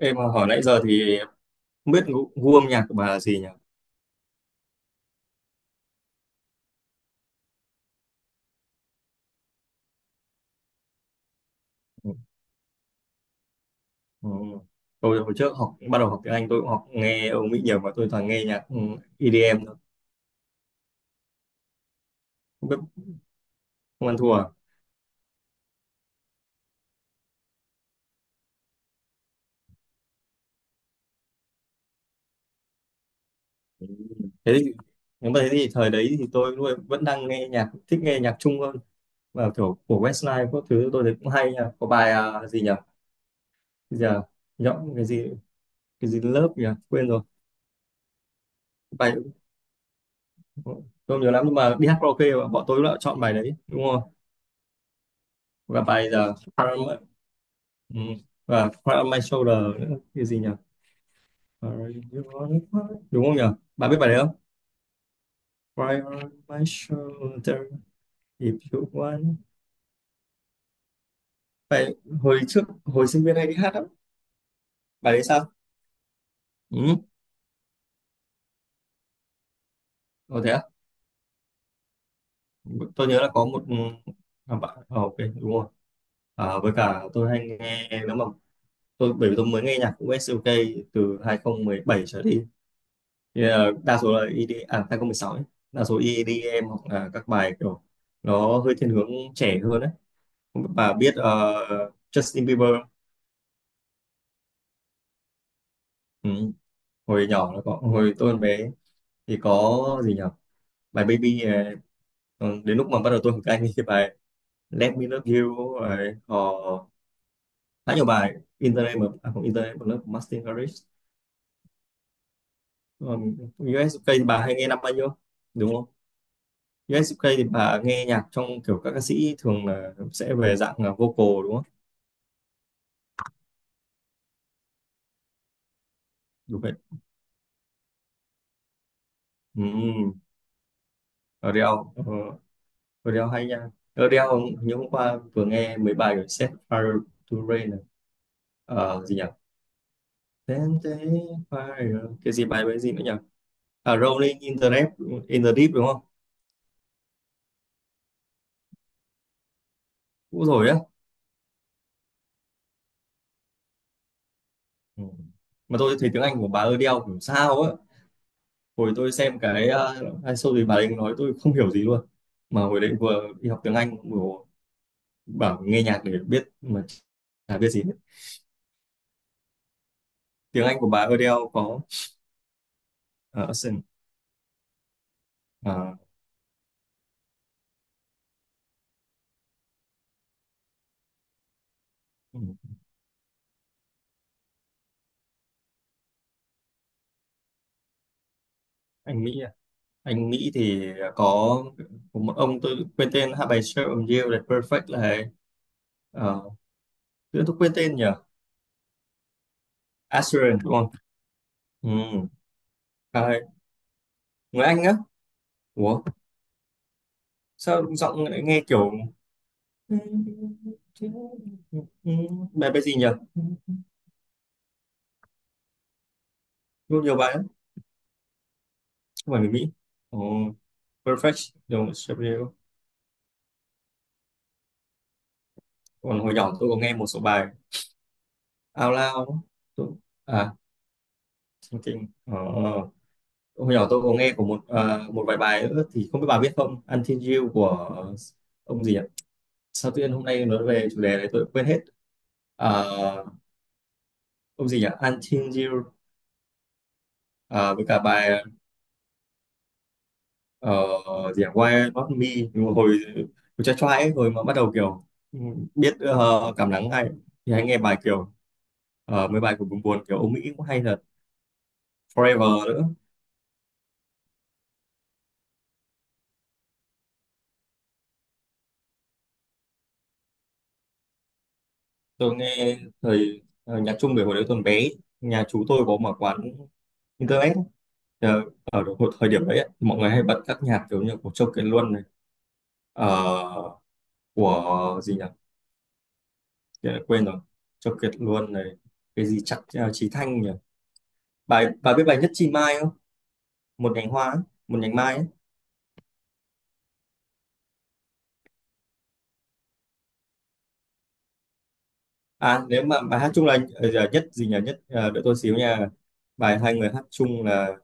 Em hỏi nãy giờ thì không biết gu âm nhạc của bà là gì nhỉ? Ừ. Ừ. Tôi hồi trước học bắt đầu học tiếng Anh tôi cũng học nghe Âu Mỹ nhiều và tôi toàn nghe nhạc EDM thôi. Không biết không ăn thua à? Ừ. Thế thì, nếu mà thế thì thời đấy thì tôi luôn- vẫn đang nghe nhạc thích nghe nhạc Trung hơn và kiểu của Westlife các thứ tôi thấy cũng hay nha. Có bài à, gì nhỉ? Bây giờ nhõng cái gì lớp nhỉ? Quên rồi. Bài tôi không nhớ lắm nhưng mà đi hát karaoke bọn tôi đã chọn bài đấy đúng không? Và bài giờ. Ừ. Và Cry My Shoulder nữa cái gì nhỉ? Cry on my- đúng không nhỉ, bạn biết bài đấy không? Cry on my shoulder if you want. Bài hồi trước hồi sinh viên hay đi hát lắm, bài đấy sao. Ừ. Ồ, thế à? Tôi nhớ là có một à, bạn ok đúng rồi. À, với cả tôi hay nghe nếu mà tôi bởi vì tôi mới nghe nhạc của SUK từ 2017 trở đi thì, đa số là i đi à 2016 ấy. Đa số i đi em hoặc là các bài kiểu nó hơi thiên hướng trẻ hơn đấy. Bà biết Justin Bieber không? Ừ. Hồi nhỏ nó có hồi tôi còn bé thì có gì nhỉ, bài Baby ừ, đến lúc mà bắt đầu tôi học anh thì bài Let Me Love You rồi họ khá nhiều bài Internet mà à, không Internet mà nó của Martin Garrix. USK thì bà hay nghe năm bao nhiêu đúng không? USK thì bà nghe nhạc trong kiểu các ca sĩ thường là sẽ về dạng là vocal đúng không? Đúng vậy. Ừ. Adele ờ, Rodeo hay nha. Rodeo hôm- như hôm qua vừa nghe mấy bài của Set Fire to Rain này. Ờ, gì nhỉ? Then they fire. Cái gì bài với gì nữa nhỉ? À, Rolling in the Deep đúng không? Cũ rồi á. Ừ. Mà tôi thấy tiếng Anh của bà Adele kiểu sao á. Hồi tôi xem cái hay show thì bà ấy nói tôi không hiểu gì luôn. Mà hồi đấy vừa đi học tiếng Anh vừa bảo nghe nhạc để biết mà chả biết gì hết. Tiếng Anh của bà Adele có accent, ờ, ừ. Anh Mỹ, anh Mỹ thì có một ông tôi quên tên hát bài Shape of You là Perfect là ấy. Ờ, tự nhiên tôi quên tên nhỉ. Assurance đúng không. Ừ. À, người Anh á. Ủa sao giọng lại nghe kiểu bài bài gì nhỉ, nhiều nhiều bài lắm, không phải người Mỹ. Ồ, Perfect đúng, Shape of You. Còn hồi nhỏ tôi có nghe một số bài Out Loud tôi... À Thinking. Trình. Hôm nhỏ tôi có nghe của một à, một vài bài nữa thì không biết bà biết không, Until You của ông gì nhỉ, sao tự nhiên hôm nay nói về chủ đề này tôi quên hết. À, ông gì nhỉ Until You. À, với cả bài ờ, gì nhỉ? Why Not Me. Nhưng mà hồi hồi trai trai ấy, hồi mà bắt đầu kiểu ừ, biết cảm nắng hay thì hay nghe bài kiểu mấy bài của buồn buồn kiểu Âu Mỹ cũng hay thật. Forever nữa. Tôi nghe thời nhạc Trung về hồi đấy tôi còn bé, nhà chú tôi có mở quán internet ấy. Ờ, ở độ- thời điểm đấy ấy, mọi người hay bật các nhạc kiểu như của Châu Kiệt Luân này ờ, của gì nhỉ, tự nhiên quên rồi, Châu Kiệt Luân này, cái gì chắc Chí Thanh nhỉ, bài bà biết bài Nhất Chi Mai không, một nhành hoa ấy, một nhành mai ấy. À nếu mà bài hát chung là giờ nhất gì nhỉ nhất đợi tôi xíu nha, bài hai người hát chung là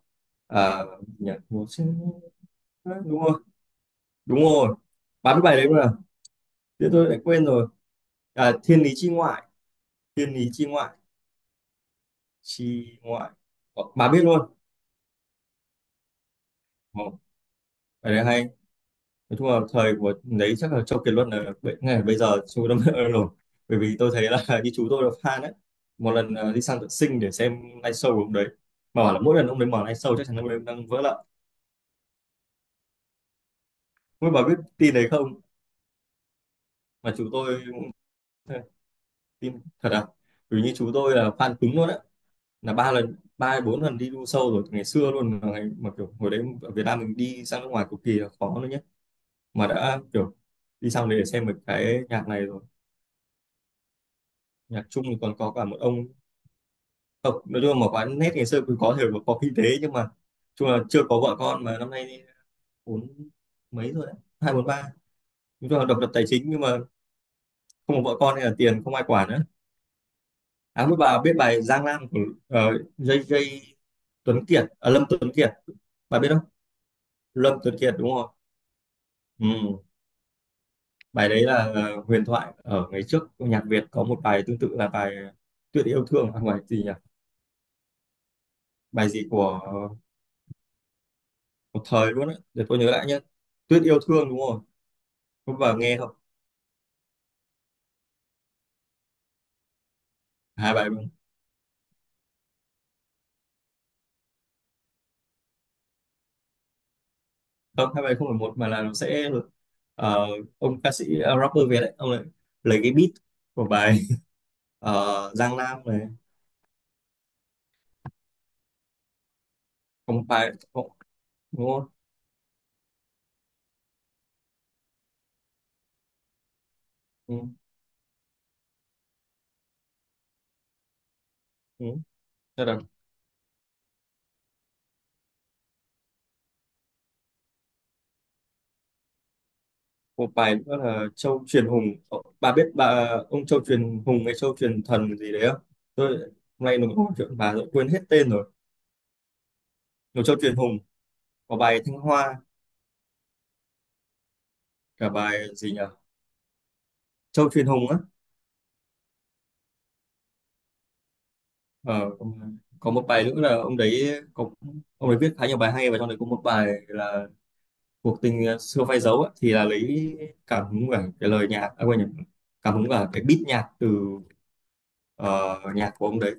gì nhỉ Một sinh- đúng rồi, đúng rồi. Bà biết bài đấy không nào, thế tôi lại quên rồi. À, Thiên Lý Chi Ngoại. Thiên Lý Chi Ngoại Chi ngoại. Ờ, bà biết luôn. Ờ, cái đấy hay. Nói chung là thời của đấy chắc là Châu Kiệt Luân là bây- ngay bây giờ chú đâm rồi, bởi vì tôi thấy là như chú tôi là fan đấy, một lần đi sang tận sinh để xem live show của ông đấy mà bảo là mỗi lần ông đấy mở live show chắc chắn ông đấy đang vỡ lợ. Không bà biết tin đấy không, mà chú tôi tin thật à, bởi vì như chú tôi là fan cứng luôn đấy, là ba lần ba hay bốn lần đi du show rồi từ ngày xưa luôn mà, ngày, mà kiểu hồi đấy ở Việt Nam mình đi sang nước ngoài cực kỳ là khó, mà đã kiểu đi sang đấy để xem một cái nhạc này rồi. Nhạc Trung thì còn có cả một ông, không nói chung là một quán nét ngày xưa cũng có thể là có kinh tế nhưng mà chung là chưa có vợ con mà năm nay thì bốn mấy rồi đấy hai bốn ba, nói chung là độc lập tài chính nhưng mà không có vợ con hay là tiền không ai quản nữa. À mới bà biết bài Giang Nam của ờ, JJ Tuấn Kiệt à, Lâm Tuấn Kiệt, bà biết không, Lâm Tuấn Kiệt đúng không. Ừ. Bài đấy là huyền thoại ở ngày trước, nhạc Việt có một bài tương tự là bài Tuyệt yêu thương à, không phải gì nhỉ, bài gì của một thời luôn á, để tôi nhớ lại nhé. Tuyết yêu thương đúng không, không vào nghe không. Hai bài, không hai bài không phải một mà là nó sẽ ờ, ông ca sĩ rapper Việt đấy ông lại lấy cái beat của bài Giang Nam này, không phải đúng không. Ừ, ừ. Thế là một bài nữa là Châu Truyền Hùng. Ờ, bà biết bà ông Châu Truyền Hùng hay Châu Truyền Thần gì đấy không, tôi hôm nay nó có một chuyện bà rồi quên hết tên rồi. Một Châu Truyền Hùng có bài Thanh Hoa cả bài gì nhỉ, Châu Truyền Hùng á. Ờ, có một bài nữa là ông đấy có, ông ấy viết khá nhiều bài hay và trong đấy có một bài là cuộc tình xưa phai dấu á, thì là lấy cảm hứng cả cái lời nhạc à, quên nhầm, cảm hứng cả cái beat nhạc từ ờ, nhạc của ông đấy,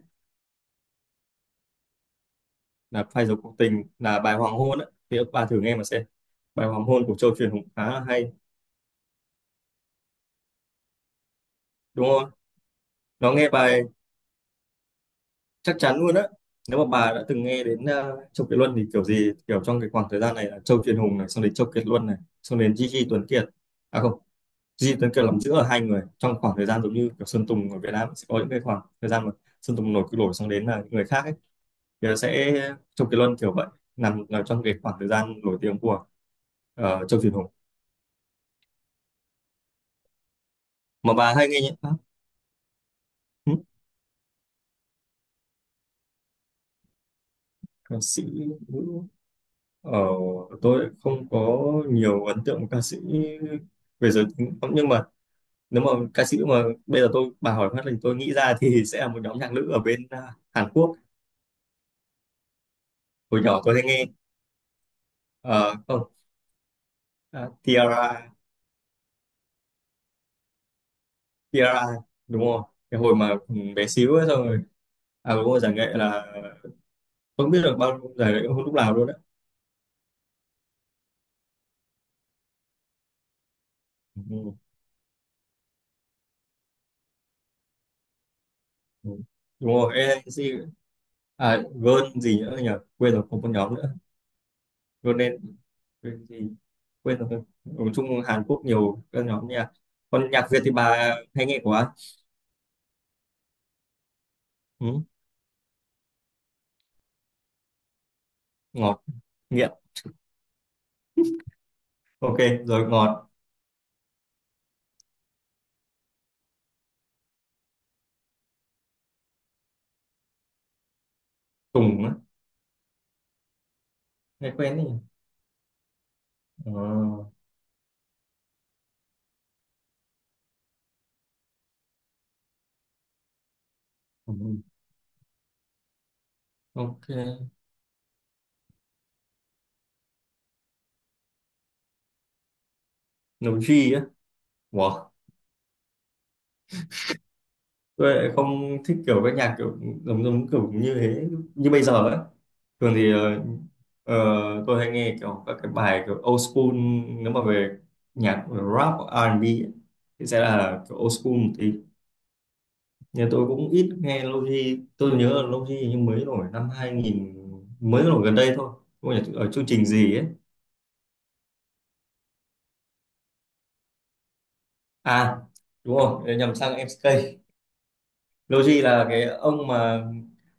là phai dấu cuộc tình là bài hoàng hôn ấy, thì các bà thử nghe mà xem, bài hoàng hôn của Châu Truyền cũng khá là hay đúng không. Nó nghe bài chắc chắn luôn á, nếu mà bà đã từng nghe đến Châu Kiệt Luân thì kiểu gì kiểu trong cái khoảng thời gian này là Châu Truyền Hùng này xong đến Châu Kiệt Luân này xong đến Gigi Tuấn Kiệt, à không, Duy Tuấn Kiệt làm chữ ở hai người trong khoảng thời gian giống như kiểu Sơn Tùng ở Việt Nam sẽ có những cái khoảng thời gian mà Sơn Tùng nổi cứ nổi xong đến là những người khác ấy thì nó sẽ Châu Kiệt Luân kiểu vậy, nằm, ở trong cái khoảng thời gian nổi tiếng của Châu Việt Hùng. Mà bà hay nghe những à, ừ, ca sĩ nữ ờ, tôi không có nhiều ấn tượng ca sĩ về giới tính lắm. Nhưng mà nếu mà ca sĩ mà bây giờ tôi bà hỏi phát thì tôi nghĩ ra thì sẽ là một nhóm nhạc nữ ở bên à, Hàn Quốc, hồi nhỏ tôi hay nghe ờ, không, à, Tiara, Kira đúng không, cái hồi mà bé xíu ấy, xong rồi. À đúng rồi giải nghệ là không biết được bao giải nghệ không lúc nào luôn đấy. Ừ, ừ. ừ. Đúng rồi ê, cái gì, à Gơn gì nữa nhỉ, quên rồi không có nhóm nữa, Gơn nên quên gì, quên rồi nói chung Hàn Quốc nhiều các nhóm nha. Còn nhạc Việt thì bà hay nghe của ai? ừ, Ngọt, nghiện, ok rồi ngọt. Tùng á, nghe quen đấy nhỉ. Ờ, Tùng. Ok. Nấu G á, wow, tôi lại không thích kiểu các nhạc kiểu giống giống kiểu như thế, như bây giờ ấy. Thường thì tôi hay nghe kiểu các cái bài kiểu old school. Nếu mà về nhạc rap R&B ấy, thì sẽ là kiểu old school một tí. Nhưng tôi cũng ít nghe Lofi, tôi nhớ là Lofi nhưng mới nổi năm hai nghìn, mới nổi gần đây thôi, không phải ở chương trình gì ấy. À đúng rồi, nhầm sang MCK. Lofi là cái ông mà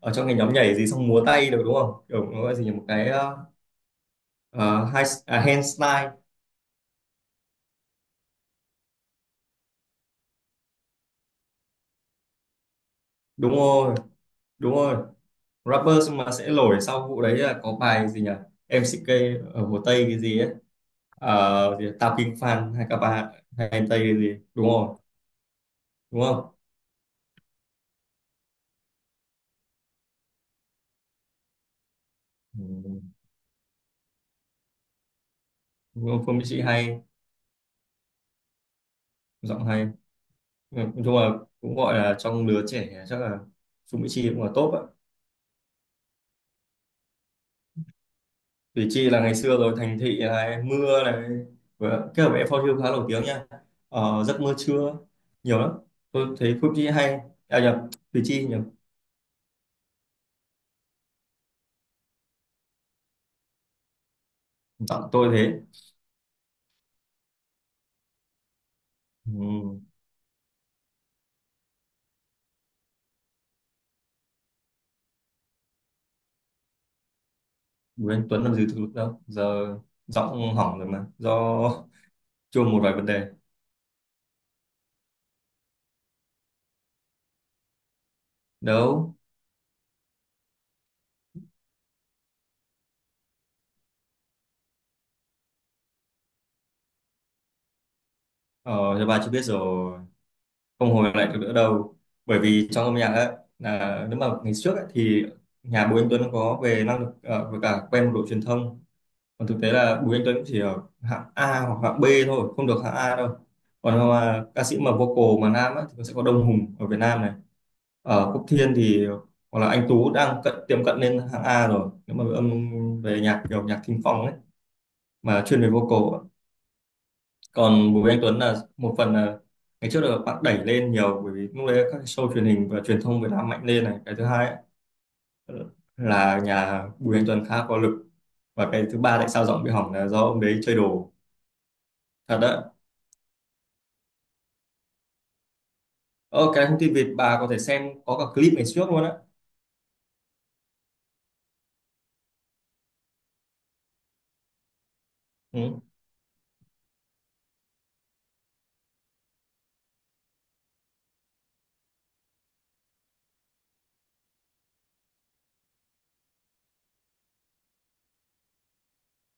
ở trong cái nhóm nhảy gì xong múa tay được đúng không, kiểu nó gọi gì nhỉ? Một cái ờ, hai à, Handslide. Đúng rồi, đúng rồi, rapper mà sẽ nổi sau vụ đấy là có bài gì nhỉ, em MCK ở Hồ Tây cái gì ấy. Ờ, gì Tao Kinh Phan hay các bạn hay em Tây cái gì, đúng rồi. Đúng không. Ừ. Đúng không, Phương Mỹ Chi hay, giọng hay. Ừ, nói chung là cũng gọi là trong lứa trẻ chắc là Phương Mỹ Chi cũng là top á. Củ Chi là ngày xưa rồi, thành thị này, mưa này, và kết hợp với phao thiêu khá nổi tiếng nha. Ờ, giấc mơ trưa, nhiều lắm. Tôi thấy Củ Chi hay. À nhầm, Củ Chi nhầm. Giọng tôi thế. Ừ. Bùi Anh Tuấn làm gì thực lực đâu giờ, giọng hỏng rồi mà do chuông một vài vấn đề. Đâu, ờ, thì bà chưa biết rồi, không hồi lại được nữa đâu. Bởi vì trong âm nhạc ấy, là nếu mà ngày trước ấy, thì nhà Bùi Anh Tuấn có về năng lực với cả quen một đội truyền thông, còn thực tế là Bùi Anh Tuấn chỉ ở hạng A hoặc hạng B thôi, không được hạng A đâu. Còn mà ca sĩ mà vocal mà nam ấy, thì sẽ có Đông Hùng ở Việt Nam này, ở Quốc Thiên thì, hoặc là anh Tú đang cận tiệm cận lên hạng A rồi, nếu mà âm về nhạc kiểu nhạc thính phòng ấy, mà chuyên về vocal ấy. Còn Bùi Anh Tuấn là một phần là ngày trước là bạn đẩy lên nhiều, bởi vì lúc đấy các show truyền hình và truyền thông Việt Nam mạnh lên này, cái thứ hai ấy, là nhà Bùi Anh Tuấn khá có lực, và cái thứ ba tại sao giọng bị hỏng là do ông đấy chơi đồ, thật đấy. Ờ, cái thông tin Việt bà có thể xem, có cả clip ngày trước luôn á. Ừ.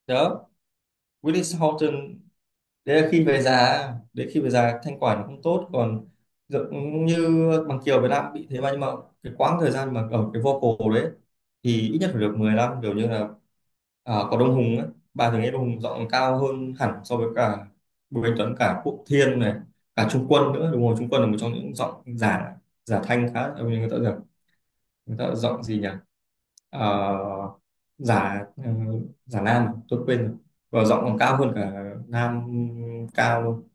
Đó, Willis Horton. Đấy là khi về già, đấy khi về già thanh quản nó cũng tốt. Còn giống như bằng Kiều Việt Nam bị thế mà, nhưng mà cái quãng thời gian mà ở cái vocal đấy thì ít nhất phải được 10 năm, kiểu như là à, có Đông Hùng ấy. Bà thường nghe Đông Hùng giọng cao hơn hẳn so với cả Bùi Anh Tuấn, cả Quốc Thiên này, cả Trung Quân nữa. Đúng rồi, Trung Quân là một trong những giọng giả, giả thanh khá, người ta, người ta giọng gì nhỉ, Ờ, giả giả nam à? Tôi quên rồi, và giọng còn cao hơn cả nam cao luôn,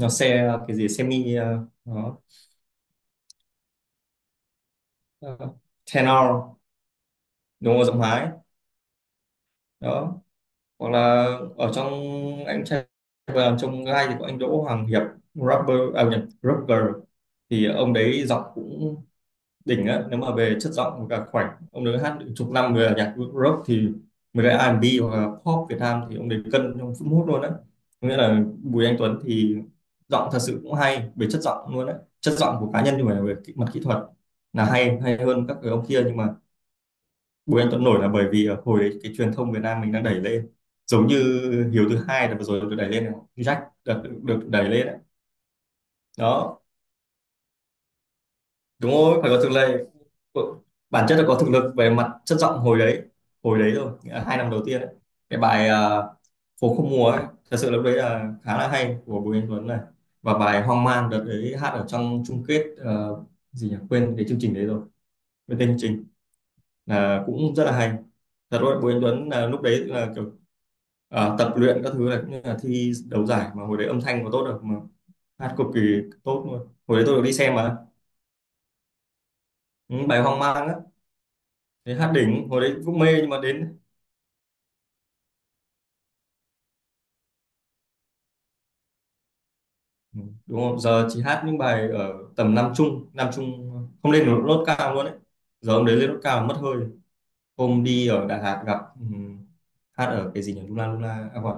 nó xe cái gì semi nó, ờ, tenor. Đúng rồi, giọng hái. Đó, hoặc là ở trong anh trai, và trong gai thì có anh Đỗ Hoàng Hiệp, rapper à nhầm, rapper thì ông đấy giọng cũng đỉnh á, nếu mà về chất giọng. Và khoảnh ông đấy hát được chục năm về nhạc rock, thì mấy cái R&B hoặc là pop Việt Nam thì ông đấy cân trong phút mút luôn á. Nghĩa là Bùi Anh Tuấn thì giọng thật sự cũng hay về chất giọng luôn á, chất giọng của cá nhân, nhưng mà về mặt kỹ thuật là hay hay hơn các cái ông kia, nhưng mà Bùi Anh Tuấn nổi là bởi vì hồi đấy cái truyền thông Việt Nam mình đang đẩy lên, giống như Hiếu thứ hai là vừa rồi được đẩy lên này, Jack được, được đẩy lên đấy. Đó. Đúng rồi, phải có thực lực, bản chất là có thực lực về mặt chất giọng hồi đấy, hồi đấy rồi, nghĩa là 2 năm đầu tiên ấy. Cái bài à, phố không mùa ấy, thật sự lúc đấy là khá là hay của Bùi Anh Tuấn này. Và bài hoang mang đợt đấy hát ở trong chung kết ờ, gì nhỉ, quên cái chương trình đấy rồi, quên tên chương trình, là cũng rất là hay. Thật rồi, Bùi Anh Tuấn là lúc đấy là kiểu ờ, tập luyện các thứ là cũng như là thi đấu giải, mà hồi đấy âm thanh có tốt được mà hát cực kỳ tốt luôn, hồi đấy tôi được đi xem mà. Ừ, bài hoang mang á, thế hát đỉnh hồi đấy cũng mê, nhưng mà đến ừ, đúng không, giờ chỉ hát những bài ở tầm nam trung, nam trung, không lên được nốt cao luôn đấy. Giờ hôm đấy lên nốt cao là mất hơi. Hôm đi ở Đà Lạt gặp hát ở cái gì nhỉ, Luna Luna à quên,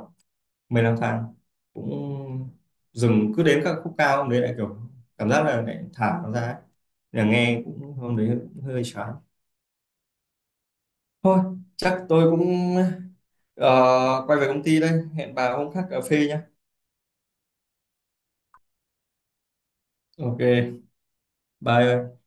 Mây lang thang, cũng dừng cứ đến các khúc cao hôm đấy lại kiểu cảm giác là lại thả nó ra ấy. Là nghe cũng hôm đấy hơi chán. Thôi, chắc tôi cũng ờ, quay về công ty đây, hẹn bà hôm khác cà phê nhá. Ok, bye.